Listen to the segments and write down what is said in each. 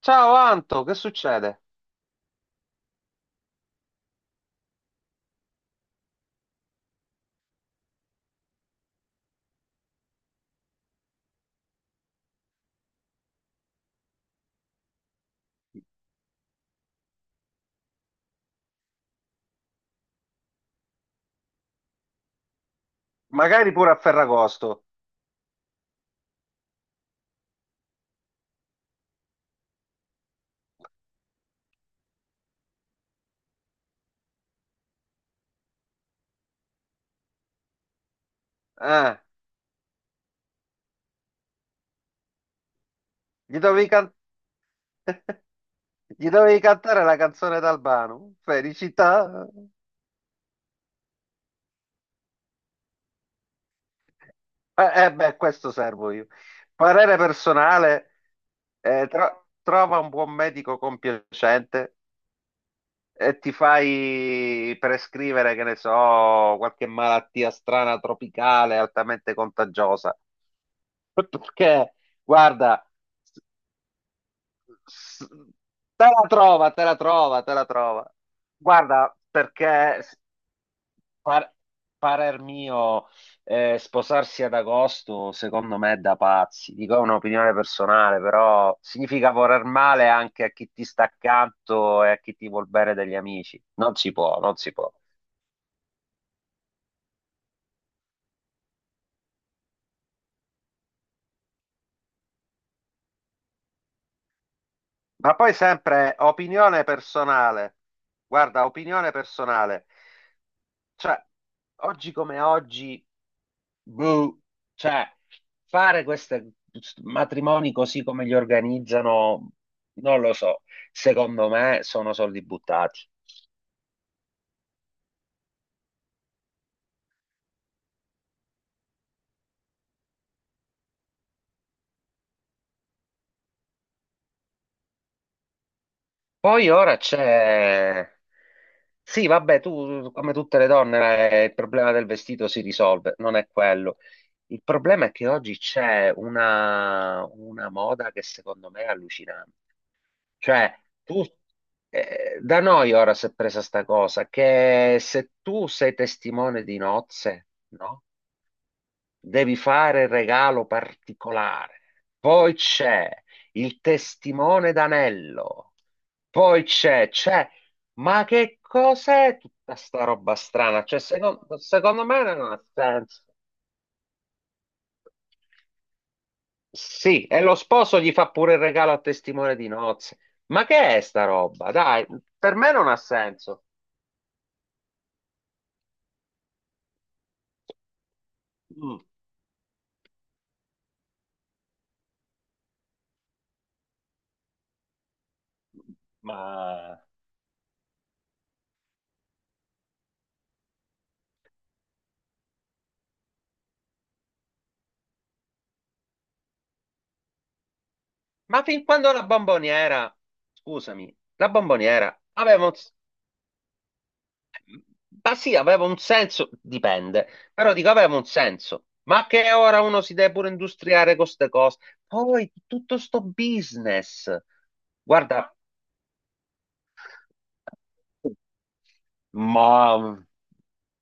Ciao Anto, che succede? Magari pure a Ferragosto. Eh, gli dovevi, gli dovevi cantare la canzone d'Albano. Felicità. Beh, questo servo io. Parere personale, trova un buon medico compiacente e ti fai prescrivere, che ne so, qualche malattia strana tropicale altamente contagiosa. Perché, guarda. S- Te la trova, te la trova, te la trova. Guarda, perché par- parer mio, sposarsi ad agosto, secondo me è da pazzi. Dico, è un'opinione personale, però significa voler male anche a chi ti sta accanto e a chi ti vuol bene degli amici. Non si può, non si può. Ma poi sempre opinione personale. Guarda, opinione personale. Cioè, oggi come oggi. Boh, cioè, fare questi matrimoni così come li organizzano, non lo so. Secondo me sono soldi buttati. Poi ora c'è... Sì, vabbè, tu come tutte le donne il problema del vestito si risolve, non è quello. Il problema è che oggi c'è una moda che secondo me è allucinante. Cioè, tu, da noi ora si è presa sta cosa, che se tu sei testimone di nozze, no? Devi fare il regalo particolare. Poi c'è il testimone d'anello. Poi ma che cos'è tutta sta roba strana? Cioè, secondo me non ha senso. Sì, e lo sposo gli fa pure il regalo a testimone di nozze. Ma che è sta roba? Dai, per me non ha senso. Mm. Ma... ma fin quando la bomboniera, scusami, la bomboniera aveva un... Ma sì, aveva un senso, dipende, però dico aveva un senso. Ma che ora uno si deve pure industriare con queste cose? Poi tutto sto business. Guarda, ma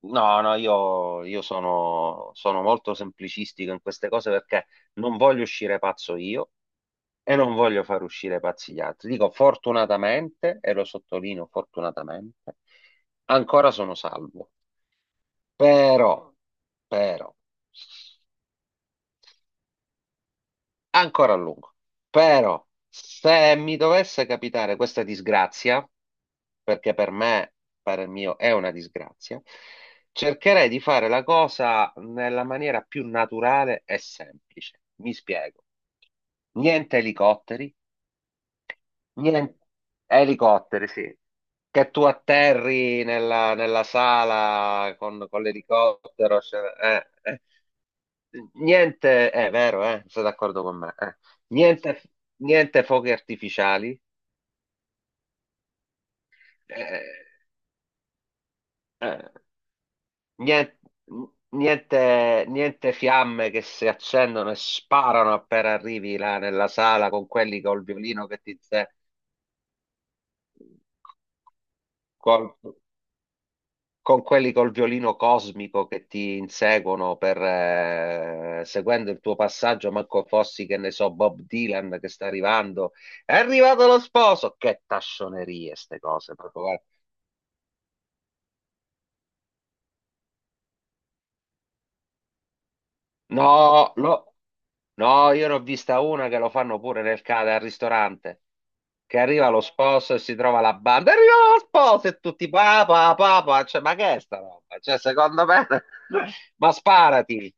no, no, io sono, sono molto semplicistico in queste cose perché non voglio uscire pazzo io e non voglio far uscire pazzi gli altri. Dico fortunatamente, e lo sottolineo fortunatamente, ancora sono salvo. Però, però ancora a lungo. Però se mi dovesse capitare questa disgrazia, perché per me, per il mio, è una disgrazia, cercherei di fare la cosa nella maniera più naturale e semplice. Mi spiego. Niente elicotteri, niente elicotteri, sì. Che tu atterri nella, nella sala con l'elicottero, cioè, eh, eh niente, è vero, sei d'accordo con me, eh. Niente, niente fuochi artificiali, eh, eh, nien- niente, niente fiamme che si accendono e sparano appena arrivi là nella sala con quelli col violino che ti... Col, con quelli col violino cosmico che ti inseguono per, seguendo il tuo passaggio, manco fossi che ne so, Bob Dylan che sta arrivando, è arrivato lo sposo, che tascionerie ste cose, proprio, guarda. No, no, io ne ho vista una che lo fanno pure nel, al ristorante, che arriva lo sposo e si trova la banda, arriva lo sposo e tutti papà, papà, cioè, ma che è sta roba? Cioè, secondo me, ma sparati,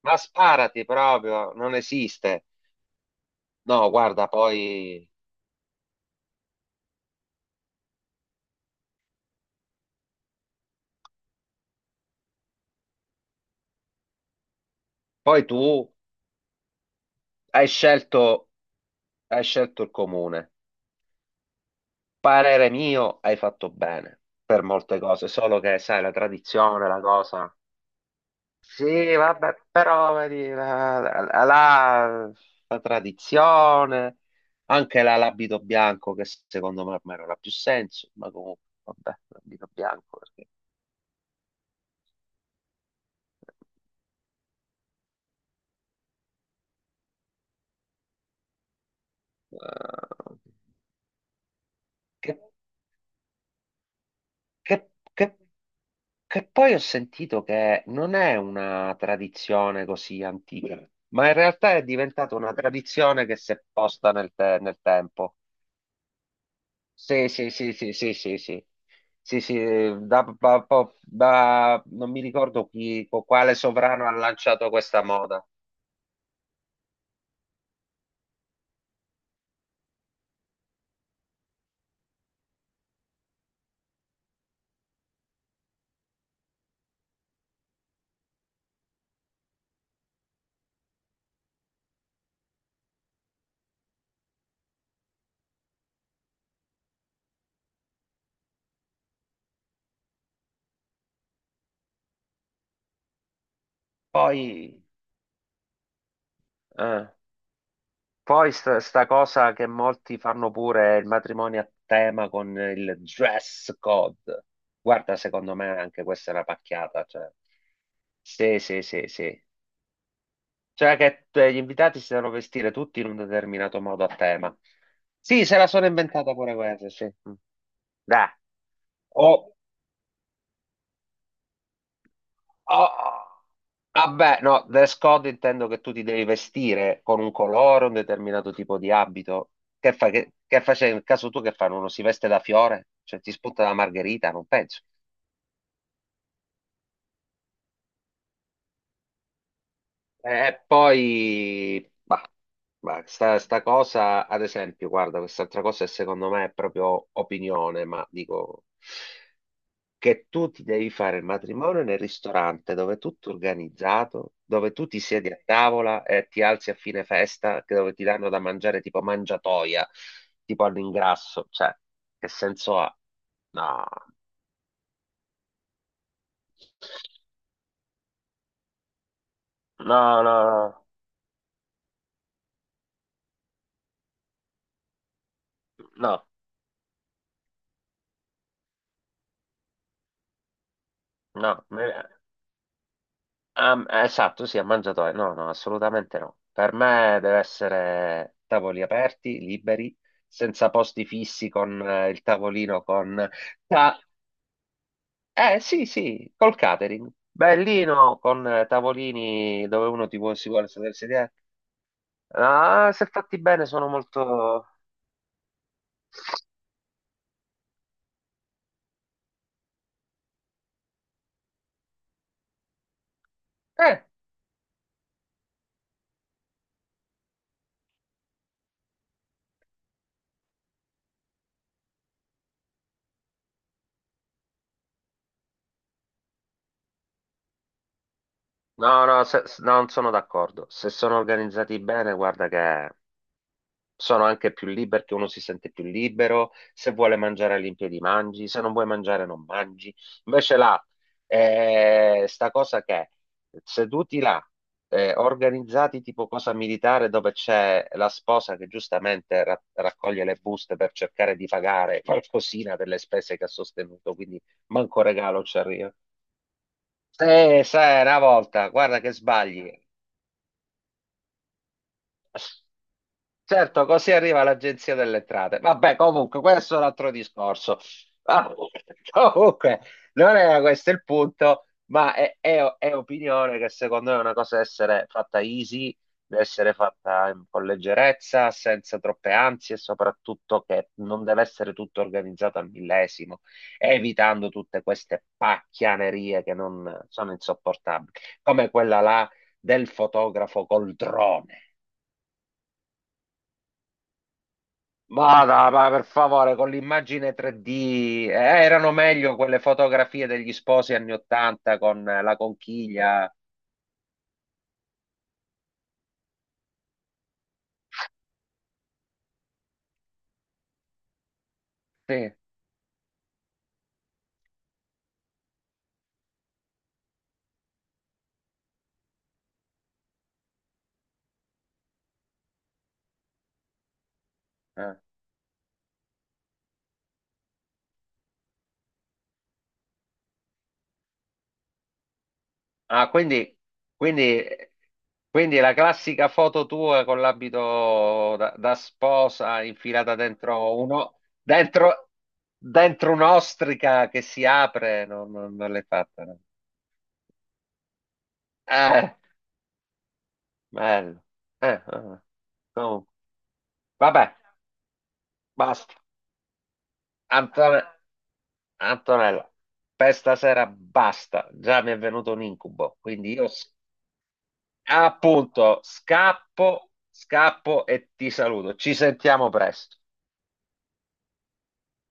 ma sparati proprio, non esiste. No, guarda, poi, poi tu hai scelto, hai scelto il comune. Parere mio, hai fatto bene per molte cose, solo che sai, la tradizione, la cosa. Sì, vabbè, però vedi, la tradizione, anche l'abito bianco, che secondo me ormai non ha più senso, ma comunque, vabbè, l'abito bianco, perché... eh, che Che, che- che poi ho sentito che non è una tradizione così antica, ma in realtà è diventata una tradizione che si è posta nel, nel tempo. Sì, sì, sì, sì, sì, sì, sì. Sì, sì, da, non mi ricordo chi, quale sovrano ha lanciato questa moda. Poi, eh. Poi sta cosa che molti fanno pure è il matrimonio a tema con il dress code. Guarda, secondo me anche questa è una pacchiata. Cioè. Sì, sì, sì, sì. Cioè che gli invitati si devono vestire tutti in un determinato modo a tema. Sì, se la sono inventata pure questa, sì. Mm. Dai. O, oh, oh, vabbè, no, dress code intendo che tu ti devi vestire con un colore, un determinato tipo di abito. Che fai? Che facevi? Nel caso tu che fanno? Uno si veste da fiore? Cioè ti spunta la margherita? Non penso. E poi, sta cosa, ad esempio, guarda, quest'altra cosa è, secondo me è proprio opinione, ma dico... che tu ti devi fare il matrimonio nel ristorante dove è tutto organizzato, dove tu ti siedi a tavola e ti alzi a fine festa, che dove ti danno da mangiare tipo mangiatoia, tipo all'ingrasso, cioè, che senso ha? No, no, no, no, no, no. Esatto, sì, a mangiatoia, no, no, assolutamente no. Per me deve essere tavoli aperti, liberi, senza posti fissi con il tavolino con Ta- eh sì, sì, col catering. Bellino, con tavolini dove uno ti vuole, si vuole sedere, sedere. Ah, se fatti bene sono molto... Eh, no, no, non sono d'accordo. Se sono organizzati bene, guarda che sono anche più liberi, perché uno si sente più libero, se vuole mangiare all'impiedi mangi, se non vuoi mangiare non mangi. Invece là, sta cosa che seduti là, organizzati tipo cosa militare dove c'è la sposa che giustamente raccoglie le buste per cercare di pagare qualcosina per le spese che ha sostenuto, quindi manco regalo ci arriva. Sai, una volta, guarda che sbagli. Certo, così arriva l'Agenzia delle Entrate. Vabbè, comunque, questo è un altro discorso. Ah, comunque, non era questo il punto, ma è opinione che secondo me è una cosa da essere fatta easy, da essere fatta con leggerezza, senza troppe ansie e soprattutto che non deve essere tutto organizzato al millesimo, evitando tutte queste pacchianerie che non sono insopportabili, come quella là del fotografo col drone. Vada, ma per favore, con l'immagine 3D, erano meglio quelle fotografie degli sposi anni 80 con la conchiglia. Sì, eh. Ah, quindi, quindi la classica foto tua con l'abito da, da sposa infilata dentro uno, dentro un'ostrica che si apre, no, no, non l'hai fatta, no? Eh, bello. Eh, eh. eh. Comunque, vabbè, basta. Antonio. Antonella, per stasera basta, già mi è venuto un incubo, quindi io appunto scappo, scappo e ti saluto. Ci sentiamo presto.